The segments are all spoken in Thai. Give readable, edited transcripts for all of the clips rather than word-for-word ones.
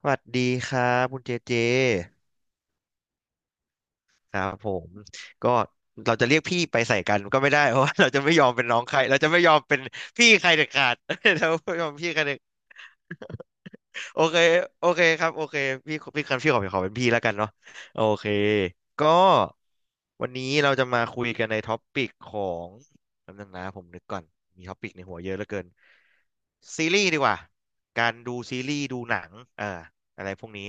สวัสดีครับคุณเจเจครับผมก็เราจะเรียกพี่ไปใส่กันก็ไม่ได้ เพราะว่าเราจะไม่ยอมเป็นน้องใครเราจะไม่ยอมเป็นพี่ใครเด็ดขาด เราไม่ยอมพี่ใครเด็ด โอเค โอเคครับ โอเค พี่คันพี่ขอเป็นพี่แล้วกันเนาะโอเค ก็วันนี้เราจะมาคุยกันในท็อปปิกของแป๊บนึงนะผมนึกก่อน มีท็อปปิกในหัวเยอะเหลือเกินซีรีส์ดีกว่า การดูซีรีส์ดูหนังเอ่อะไรพวกนี้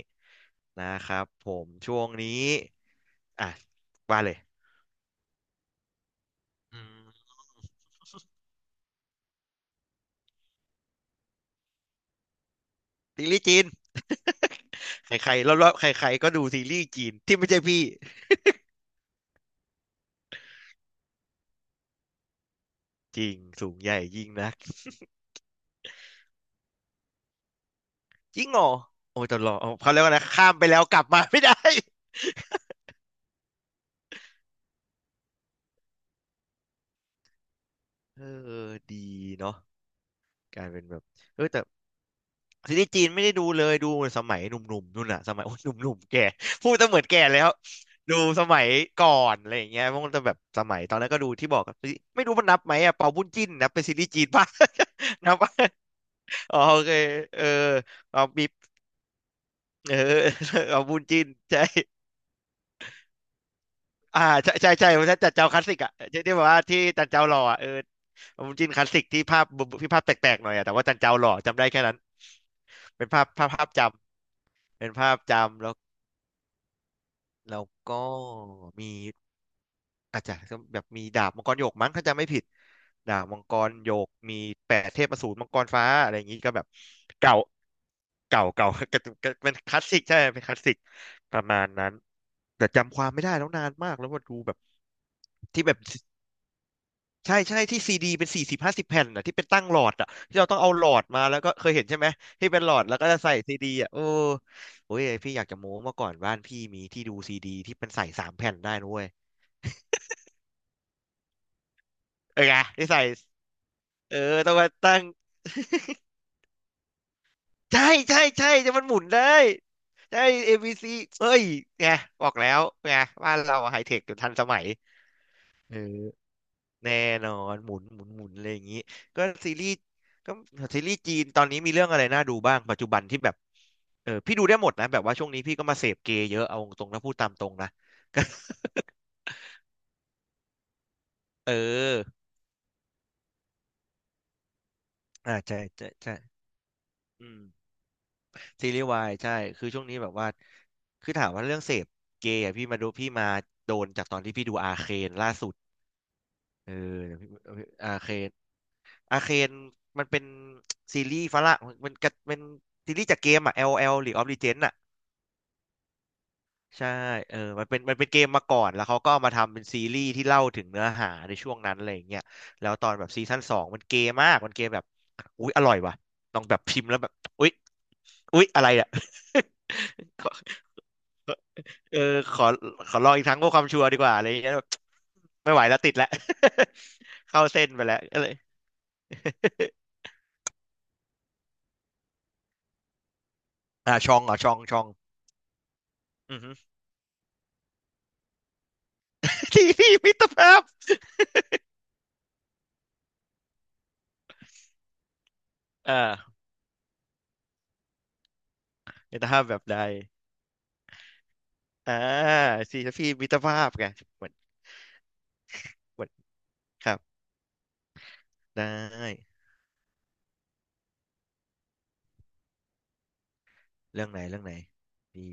นะครับผมช่วงนี้ อ่ะว่าเลยอืมซีรีส์จีน ใครๆ รอบๆใครๆก็ดูซีรีส์จีนที่ไม่ใช่พี่ จริงสูงใหญ่ยิ่งนัก จริงเหรอโอ้ยต่อดเอาเขาเรียกว่านะข้ามไปแล้วกลับมาไม่ได้ เออดีเนาะกลายเป็นแบบเออแต่ซีรีส์จีนไม่ได้ดูเลยดูสมัยหนุ่มๆนู่นน่ะสมัยโอ้ยหนุ่มๆแก่พูดจะเหมือนแก่แล้วดูสมัยก่อนอะไรอย่างเงี้ยมันจะแบบสมัยตอนนั้นก็ดูที่บอกกับไม่รู้มันนับไหมอะเปาบุญจิ้นนับเป็นซีรีส์จีนป่ะ นับป่ะอ๋อโอเคเออเอาบีบเออ เอาบุญจิ้นใช่ อ่าใช่ใช่ใช่ผมจัดเจ้าคลาสสิกอ่ะที่ที่แบบว่าที่จันเจ้าหล่ออ่ะเออผมจินคลาสสิกที่ภาพที่ภาพแปลกๆหน่อยอ่ะแต่ว่าจันเจ้าหล่อจำได้แค่นั้นเป็นภาพจำเป็นภาพจำแล้วแล้วก็มี อาจจะแบบมีดาบมังกรหยกมั้งถ้าจำไม่ผิดดาบมังกรหยกมีแปดเทพอสูรมังกรฟ้าอะไรอย่างนี้ก็แบบเก่าเก่าเก่า ก็ก็เป็นคลาสสิกใช่เป็นคลาสสิกประมาณนั้นแต่จำความไม่ได้แล้วนานมากแล้วว่าดูแบบที่แบบใช่ใช่ที่ซีดีเป็นสี่สิบห้าสิบแผ่นอ่ะที่เป็นตั้งหลอดอ่ะที่เราต้องเอาหลอดมาแล้วก็เคยเห็นใช่ไหมที่เป็นหลอดแล้วก็จะใส่ซีดีอ่ะโอ้ยพี่อยากจะโม้เมื่อก่อนบ้านพี่มีที่ดูซีดีที่เป็นใส่สามแผ่นได้นุ้ยเออไงที่ใส่ เออต้องมาตั้ง ใช่ใช่ใช่จะมันหมุนได้ใช่ a ซ c เอ้ยไงบอกแล้วไงบ้านเราไฮเทคอยู่ทันสมัยเออแน่นอนหมุนหมุนหมุนอะไรอย่างนี้ก็ซีรีส์ก็ซีรีส์จีนตอนนี้มีเรื่องอะไรน่าดูบ้างปัจจุบันที่แบบเออพี่ดูได้หมดนะแบบว่าช่วงนี้พี่ก็มาเสพเกย์เยอะเอาตรงนะพูดตามตรงนะ เอออ่าใช่ใช่ใช่อืม ซีรีส์วายใช่คือช่วงนี้แบบว่าคือถามว่าเรื่องเสพเกย์อะพี่มาดูพี่มาโดนจากตอนที่พี่ดูอาเคนล่าสุดเออเดี๋ยวพี่อาเคนอาเคนมันเป็นซีรีส์ฝรั่งมันกะเป็นซีรีส์จากเกมอ่ะ LOL หรือ of Legends อะใช่เออมันเป็นมันเป็นเกมมาก่อนแล้วเขาก็เอามาทำเป็นซีรีส์ที่เล่าถึงเนื้อหาในช่วงนั้นอะไรอย่างเงี้ยแล้วตอนแบบซีซั่นสองมันเกย์มากมันเกย์แบบอุ๊ยอร่อยว่ะลองแบบพิมพ์แล้วแบบอุ๊ยอุ๊ยอะไรอะ ข เออขอขอลองอีกครั้งเพื่อความชัวร์ดีกว่าอะไรอย่างเงี้ยแบบไม่ไหวแล้วติดแล้ว เข้าเส้นไปแล้ว ก็เลย อ่าชองเหรอะชองชองอือฮึ ที่พี่มิตรภาพอ่ามิตรภาพแบบใดอ่าที่พี่มิตรภาพไงเหมือนเหมือนครับได้เรื่องไหนเรื่องไหนพี่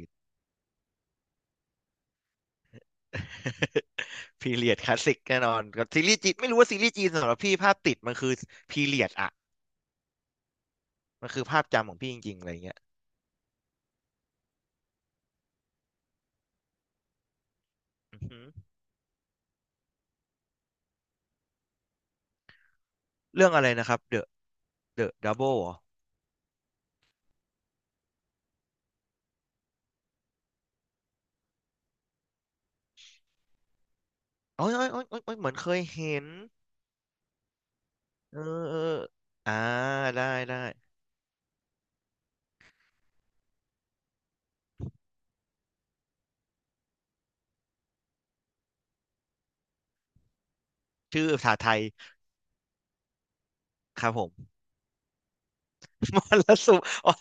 พีเรียดคลาสสิกแน่นอนกับซีรีส์จีนไม่รู้ว่าซีรีส์จีนสำหรับพี่ภาพติดมันคือพีเรียดอะมันคือภาพจำของพี่จริงๆอะไรอย่างเงี้ยอือฮึเรื่องอะไรนะครับ The Double โอ้ยโอ้ยโอ้ยโอ้ยโอ้ยเหมือนเคยเห็นเออเอออ่า ได้ ได้ ชื่อภาษาไทยครับผม มรสุมอ๋อ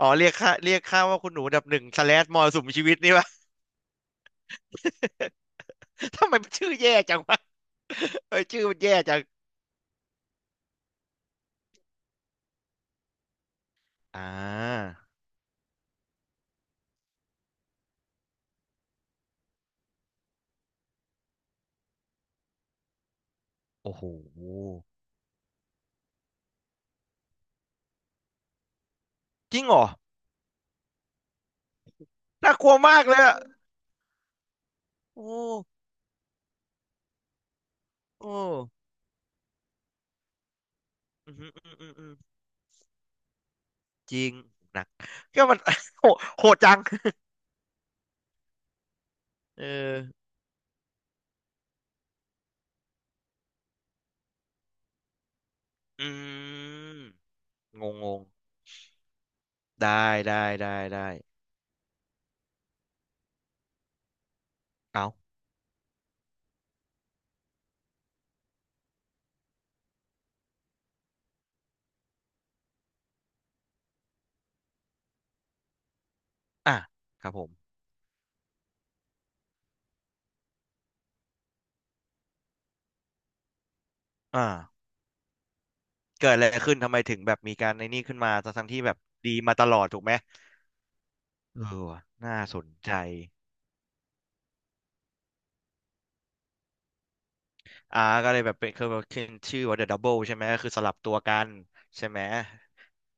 อ๋อ เรียกค่าเรียกค่าว่าคุณหนูอันดับหนึ่งสแลชมรสุมชีวิตนี่วะ ทำไมมันชื่อแย่จังวะ เออชื่อมันแย่จัง อ่า โอ้โห จริงเหรอน่ากลัวมากเลยอะโอ้โอ้อืมอืมอืมอืมจริงหนัก ก็มัน โหดโหดจัง เออ อืม งงง ได้ได้ได้ได้ เอาอ่ะ ครับผม อ่าเกิดอะไรขึ้นทำไมถึงแบบมีการในนี่ขึ้นมาทั้งๆที่แบบดีมาตลอดถูกไหมเออว่ะน่าสนใจ อ่าก็เลยแบบเป็นคือแบบขึ้นชื่อว่า The Double ใช่ไหมก็คือสลับตัวกันใช่ไหม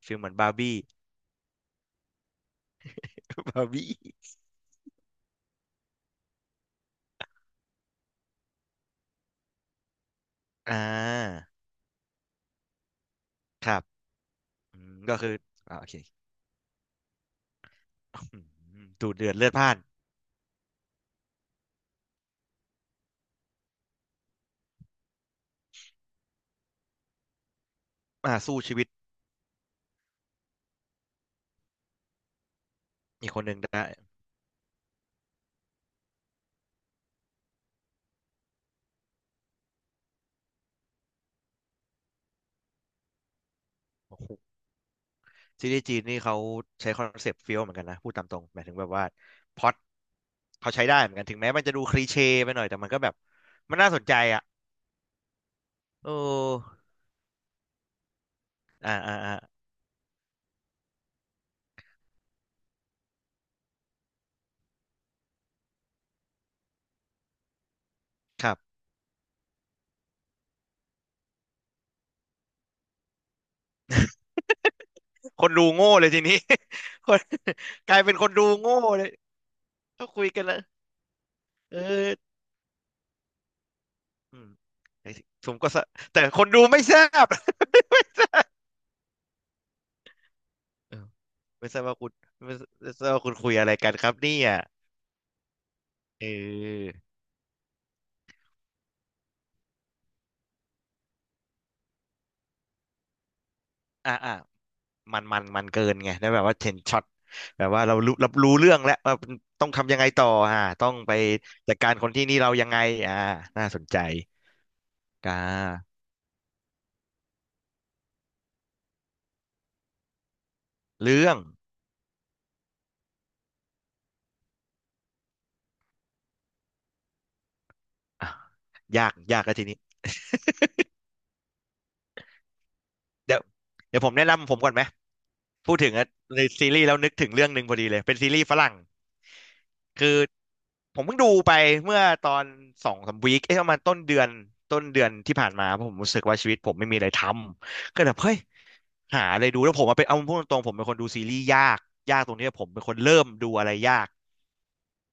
ฟีลเหมือนบาร์บี้ บาร์บี้อ่าครับอืมก็คืออ่าโอเค อืมดูเดือดเลือดพล่านสู้ชีวิตอีกคนหนึ่งได้โอ้โห ซีรีส์จีนนี่เขาใช้คอนเซปต์เฟี้ยวเหมือนกันนะพูดตามตรงหมายถึงแบบว่าพล็อตเขาใช้ได้เหมือนกันถึงแม้มันจะดูคลีเช่ไปหน่อยแต่มันก็แบบมันน่าสนใจอ่ะโอ้อ่าอ่าอ่าครับคนดูโง่เลยทีนี้ คนกลายเป็นคนดูโง่เลยก็คุยกันแล้วเอออืมไอ้สิผมก็สะแต่คนดูไม่ทราบเออ ไม่ทราบว่าคุณไม่ทราบว่าคุณคุยอะไรกันครับเนี่ยเอออ่าอ่า มันเกินไงแล้วแบบว่าเห็นช็อตแบบว่าเรารู้รับรู้เรื่องแล้วว่าต้องทำยังไงต่อต้องไปจัดการคนที่นี่เรายังไงอ่าน่าสนใจอ่าเรื่องอ่ะยากแล้วทีนี้เดี๋ยวเดี๋ยวผมแนะนำผมก่อนไหมพูดถึงอะในซีรีส์แล้วนึกถึงเรื่องหนึ่งพอดีเลยเป็นซีรีส์ฝรั่งคือผมเพิ่งดูไปเมื่อตอนสองสามวีคเอ๊ะประมาณต้นเดือนที่ผ่านมาเพราะผมรู้สึกว่าชีวิตผมไม่มีอะไรทำก็แบบเฮ้ย หาอะไรดูแล้วผมอะเป็นเอาพูดตรงๆผมเป็นคนดูซีรีส์ยากยากตรงนี้ผมเป็นคนเริ่มดูอะไรยาก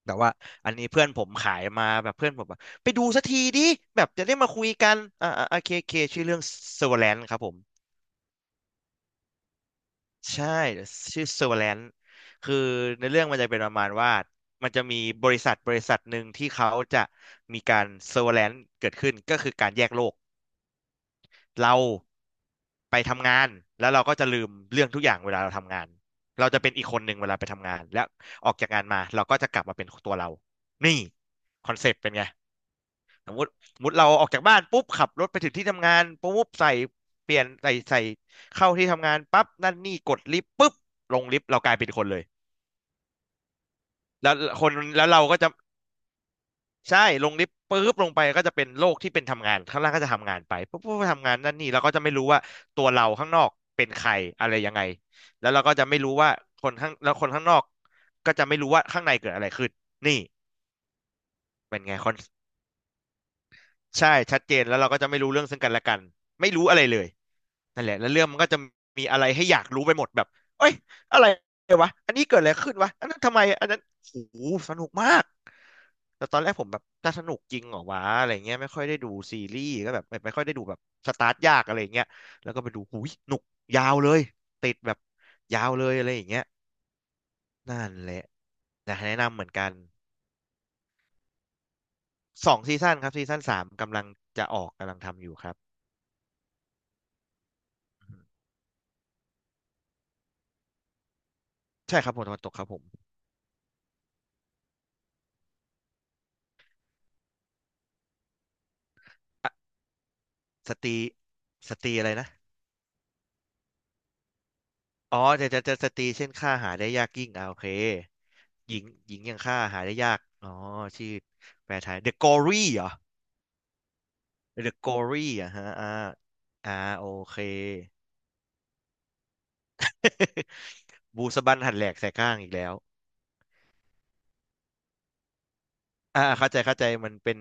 แต่ว่าอันนี้เพื่อนผมขายมาแบบเพื่อนผมแบบไปดูสักทีดิแบบจะได้มาคุยกันโอเคชื่อเรื่อง Severance ครับผมใช่ชื่อ Severance คือในเรื่องมันจะเป็นประมาณว่ามันจะมีบริษัทหนึ่งที่เขาจะมีการ Severance เกิดขึ้นก็คือการแยกโลก เราไปทำงานแล้วเราก็จะลืมเรื่องทุกอย่างเวลาเราทำงานเราจะเป็นอีกคนหนึ่งเวลาไปทำงานแล้วออกจากงานมาเราก็จะกลับมาเป็นตัวเรานี่คอนเซปต์เป็นไงสมมติเราออกจากบ้านปุ๊บขับรถไปถึงที่ทำงานปุ๊บใส่เปลี่ยนใส่เข้าที่ทำงานปั๊บนั่นนี่กดลิฟต์ปุ๊บลงลิฟต์เรากลายเป็นคนเลยแล้วคนแล้วเราก็จะ ใช่ลงลิฟต์ปุ๊บลงไปก็จะเป็นโลกที่เป็นทำงานข้างล่างก็จะทำงานไปปุ๊บปุ๊บทำงานนั่นนี่แล้วก็จะไม่รู้ว่าตัวเราข้างนอกเป็นใครอะไรยังไงแล้วเราก็จะไม่รู้ว่าคนข้างแล้วคนข้างนอกก็จะไม่รู้ว่าข้างในเกิดอะไรขึ้นนี่เป็นไงคอน ใช่ชัดเจนแล้วเราก็จะไม่รู้เรื่องซึ่งกันและกันไม่รู้อะไรเลยนั่นแหละแล้วเรื่องมันก็จะมีอะไรให้อยากรู้ไปหมดแบบเอ้ยอะไรวะอันนี้เกิดอะไรขึ้นวะอันนั้นทำไมอันนั้นโอ้โหสนุกมากแต่ตอนแรกผมแบบจะสนุกจริงเหรอวะอะไรเงี้ยไม่ค่อยได้ดูซีรีส์ก็แบบไม่ค่อยได้ดูแบบสตาร์ทยากอะไรเงี้ยแล้วก็ไปดูหูยหนุกยาวเลยติดแบบยาวเลยอะไรอย่างเงี้ยนั่นแหละนะแนะนำเหมือนกัน2 ซีซั่นครับซีซั่น 3กำลังจะออกกำลังทำอยู่ครับ ใช่ครับผมตะวันตกครับผมอ่ะสตรีอะไรนะอ๋อจะจะจะสตรีเช่นฆ่าหาได้ยากยิ่งโอเคหญิงอย่างฆ่าหาได้ยากอ๋อชื่อแปลไทย The g o r y เหรอ The Glory อ่ะฮะอ่าโอเค บูสบันหันแหลกใส่ข้างอีกแล้วเข้าใจเข้าใจมันเป็น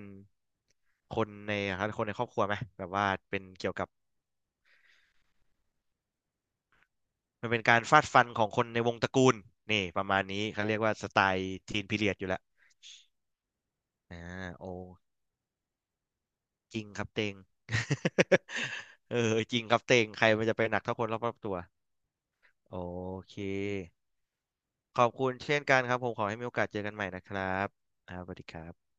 คนในครับคนในครอบครัวไหมแบบว่าเป็นเกี่ยวกับมันเป็นการฟาดฟันของคนในวงตระกูลนี่ประมาณนี้เขาเรียกว่าสไตล์ทีนพีเรียดอยู่แล้ว อ่าโอจริงครับเต็ง เออจริงครับเต็งใครมันจะไปหนักเท่าคนรอบๆตัว โอเค ขอบคุณเช่นกันครับผมขอให้มีโอกาสเจอกันใหม่นะครับครับสวัสดีครับ